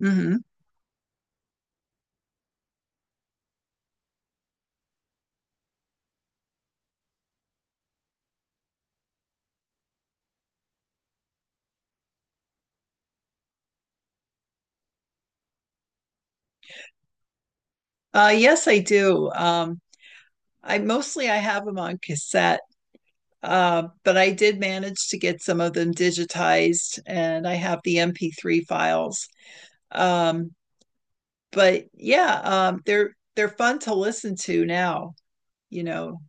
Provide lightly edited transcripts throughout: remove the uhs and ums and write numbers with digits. Hmm. Yes, I do. I mostly I have them on cassette, but I did manage to get some of them digitized, and I have the MP3 files. Um, but yeah, they're fun to listen to now, you know.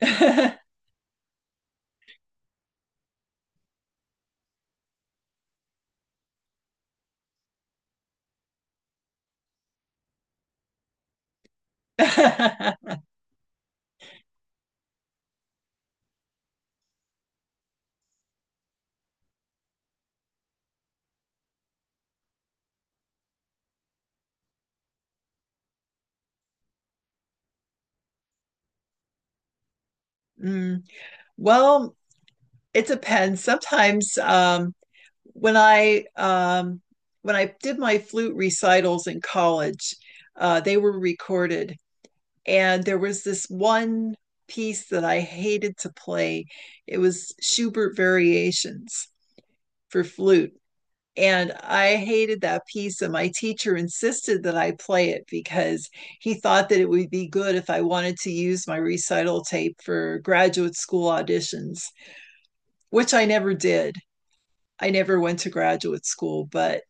Mm. Well, it depends. Sometimes when I um, when I did my flute recitals in college, they were recorded, and there was this one piece that I hated to play. It was Schubert Variations for flute. And I hated that piece, and my teacher insisted that I play it because he thought that it would be good if I wanted to use my recital tape for graduate school auditions, which I never did. I never went to graduate school, but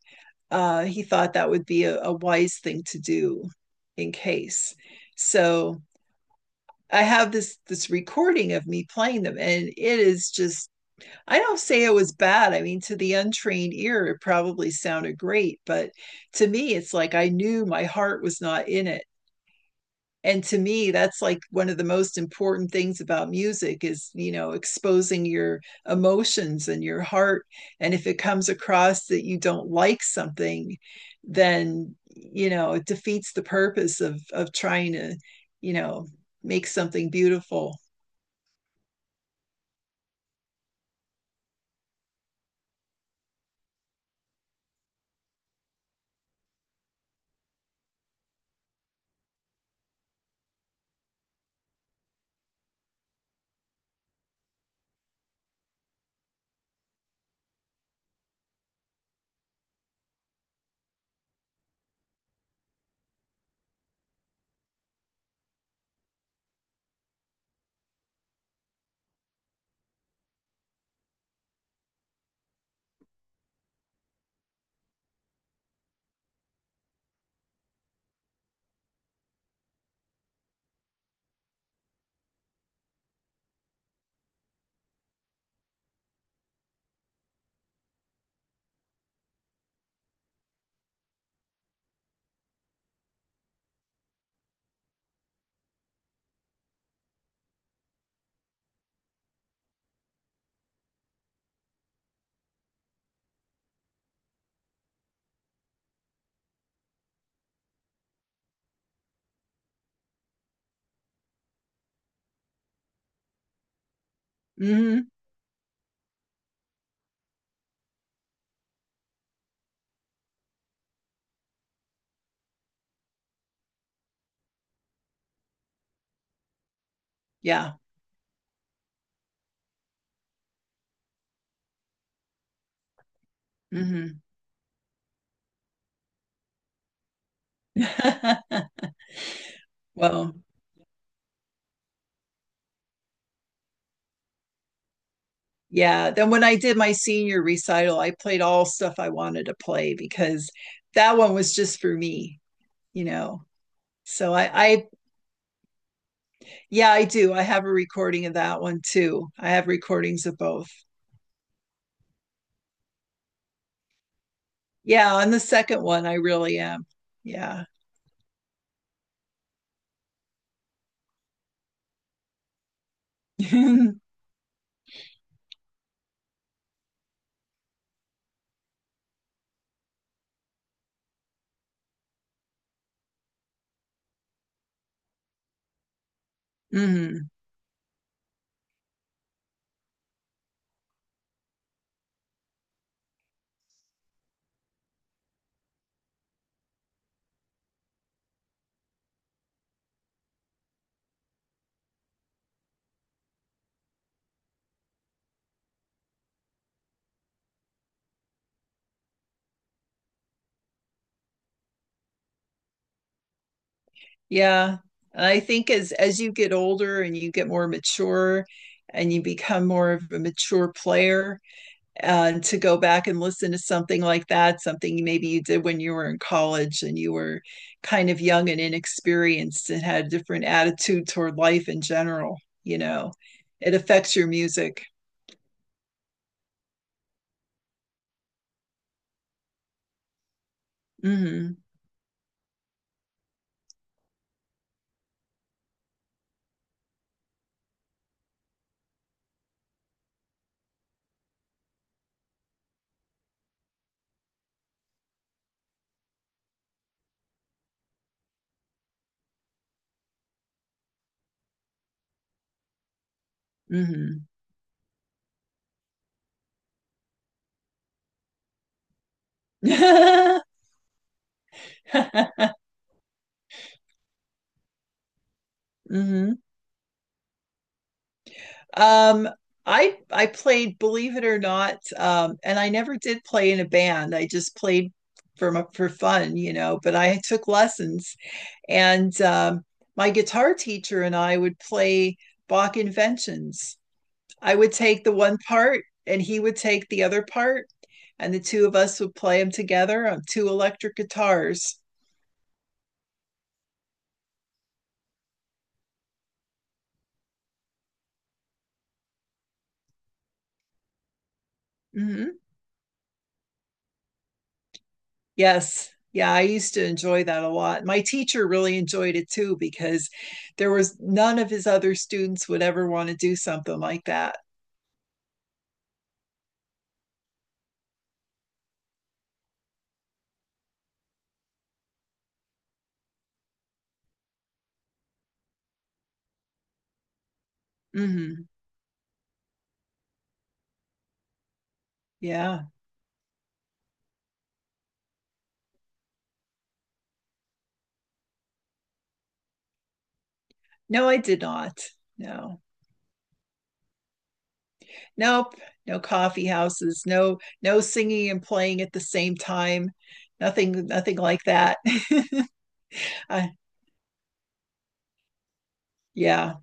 he thought that would be a wise thing to do in case. So I have this recording of me playing them, and it is just I don't say it was bad. I mean, to the untrained ear, it probably sounded great, but to me, it's like I knew my heart was not in it, and to me that's like one of the most important things about music is, you know, exposing your emotions and your heart. And if it comes across that you don't like something, then, you know, it defeats the purpose of trying to you know make something beautiful. Hmm. Yeah. Hmm. Well, yeah, then when I did my senior recital, I played all stuff I wanted to play, because that one was just for me, you know. So I, I, yeah, I do. I have a recording of that one too. I have recordings of both. Yeah, on the second one, I really am. Yeah. Hmm. Yeah. And I think as you get older and you get more mature, and you become more of a mature player, and to go back and listen to something like that, something maybe you did when you were in college and you were kind of young and inexperienced and had a different attitude toward life in general, you know, it affects your music. Hmm. Hmm. Hmm. Um, I played, believe it or not, and I never did play in a band. I just played for my, for fun, you know, but I took lessons. And my guitar teacher and I would play Bach inventions. I would take the one part and he would take the other part, and the two of us would play them together on two electric guitars. Hmm. Yes. Yeah, I used to enjoy that a lot. My teacher really enjoyed it too, because there was none of his other students would ever want to do something like that. Hmm. Yeah. No, I did not. No. Nope, no coffee houses, no, no singing and playing at the same time, nothing nothing like that. I, yeah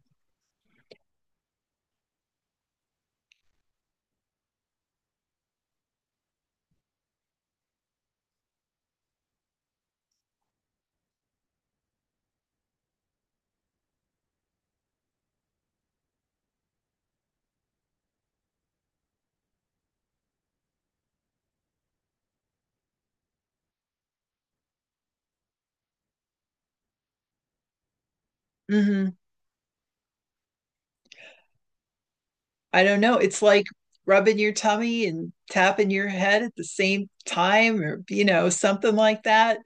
Hmm. I don't know, it's like rubbing your tummy and tapping your head at the same time, or you know something like that.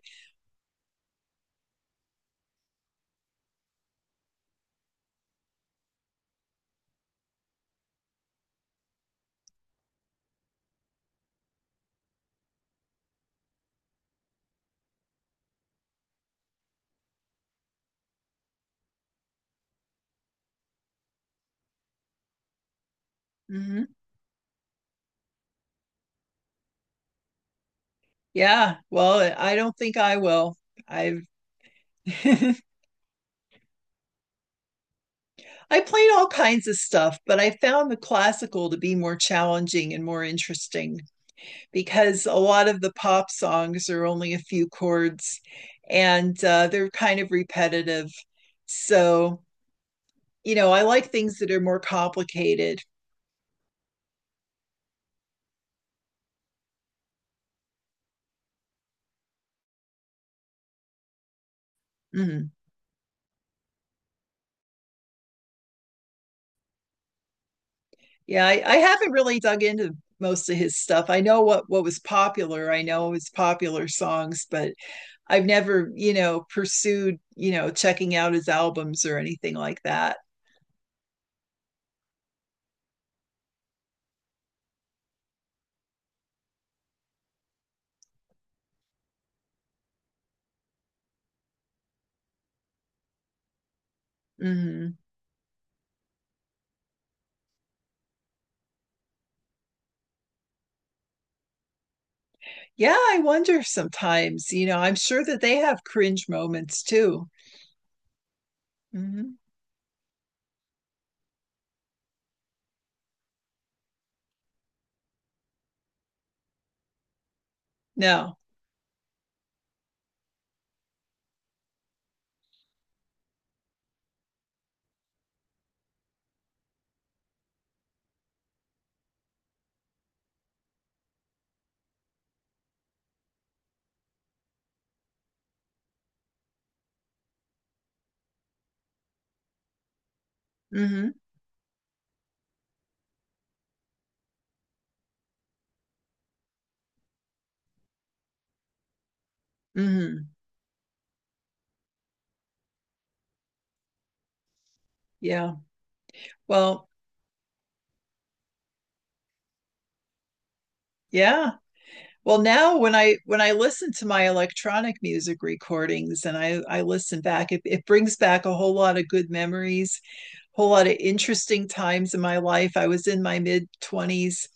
Hmm. Yeah, well, I don't think I will. I've I played all kinds of stuff, but I found the classical to be more challenging and more interesting, because a lot of the pop songs are only a few chords, and they're kind of repetitive. So, you know, I like things that are more complicated. Mhm. Yeah, I haven't really dug into most of his stuff. I know what was popular. I know his popular songs, but I've never, you know, pursued, you know, checking out his albums or anything like that. Hmm. Yeah, I wonder sometimes, you know, I'm sure that they have cringe moments too. Hmm. No. Hmm. Hmm. Yeah. Well, yeah. Well, now when I listen to my electronic music recordings and I listen back, it brings back a whole lot of good memories, a whole lot of interesting times in my life. I was in my mid 20s,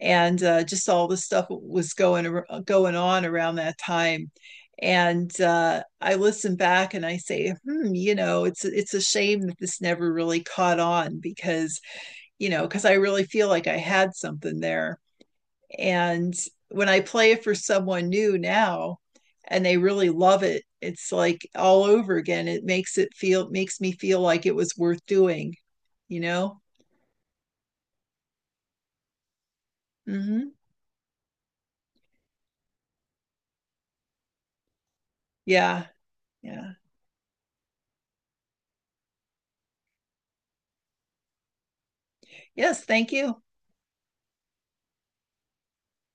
and just all the stuff was going on around that time. And I listen back and I say, hmm, you know, it's a shame that this never really caught on, because, you know, because I really feel like I had something there. And when I play it for someone new now and they really love it, it's like all over again. It makes it feel, makes me feel like it was worth doing, you know? Hmm. Yeah. Yeah. Yes. Thank you.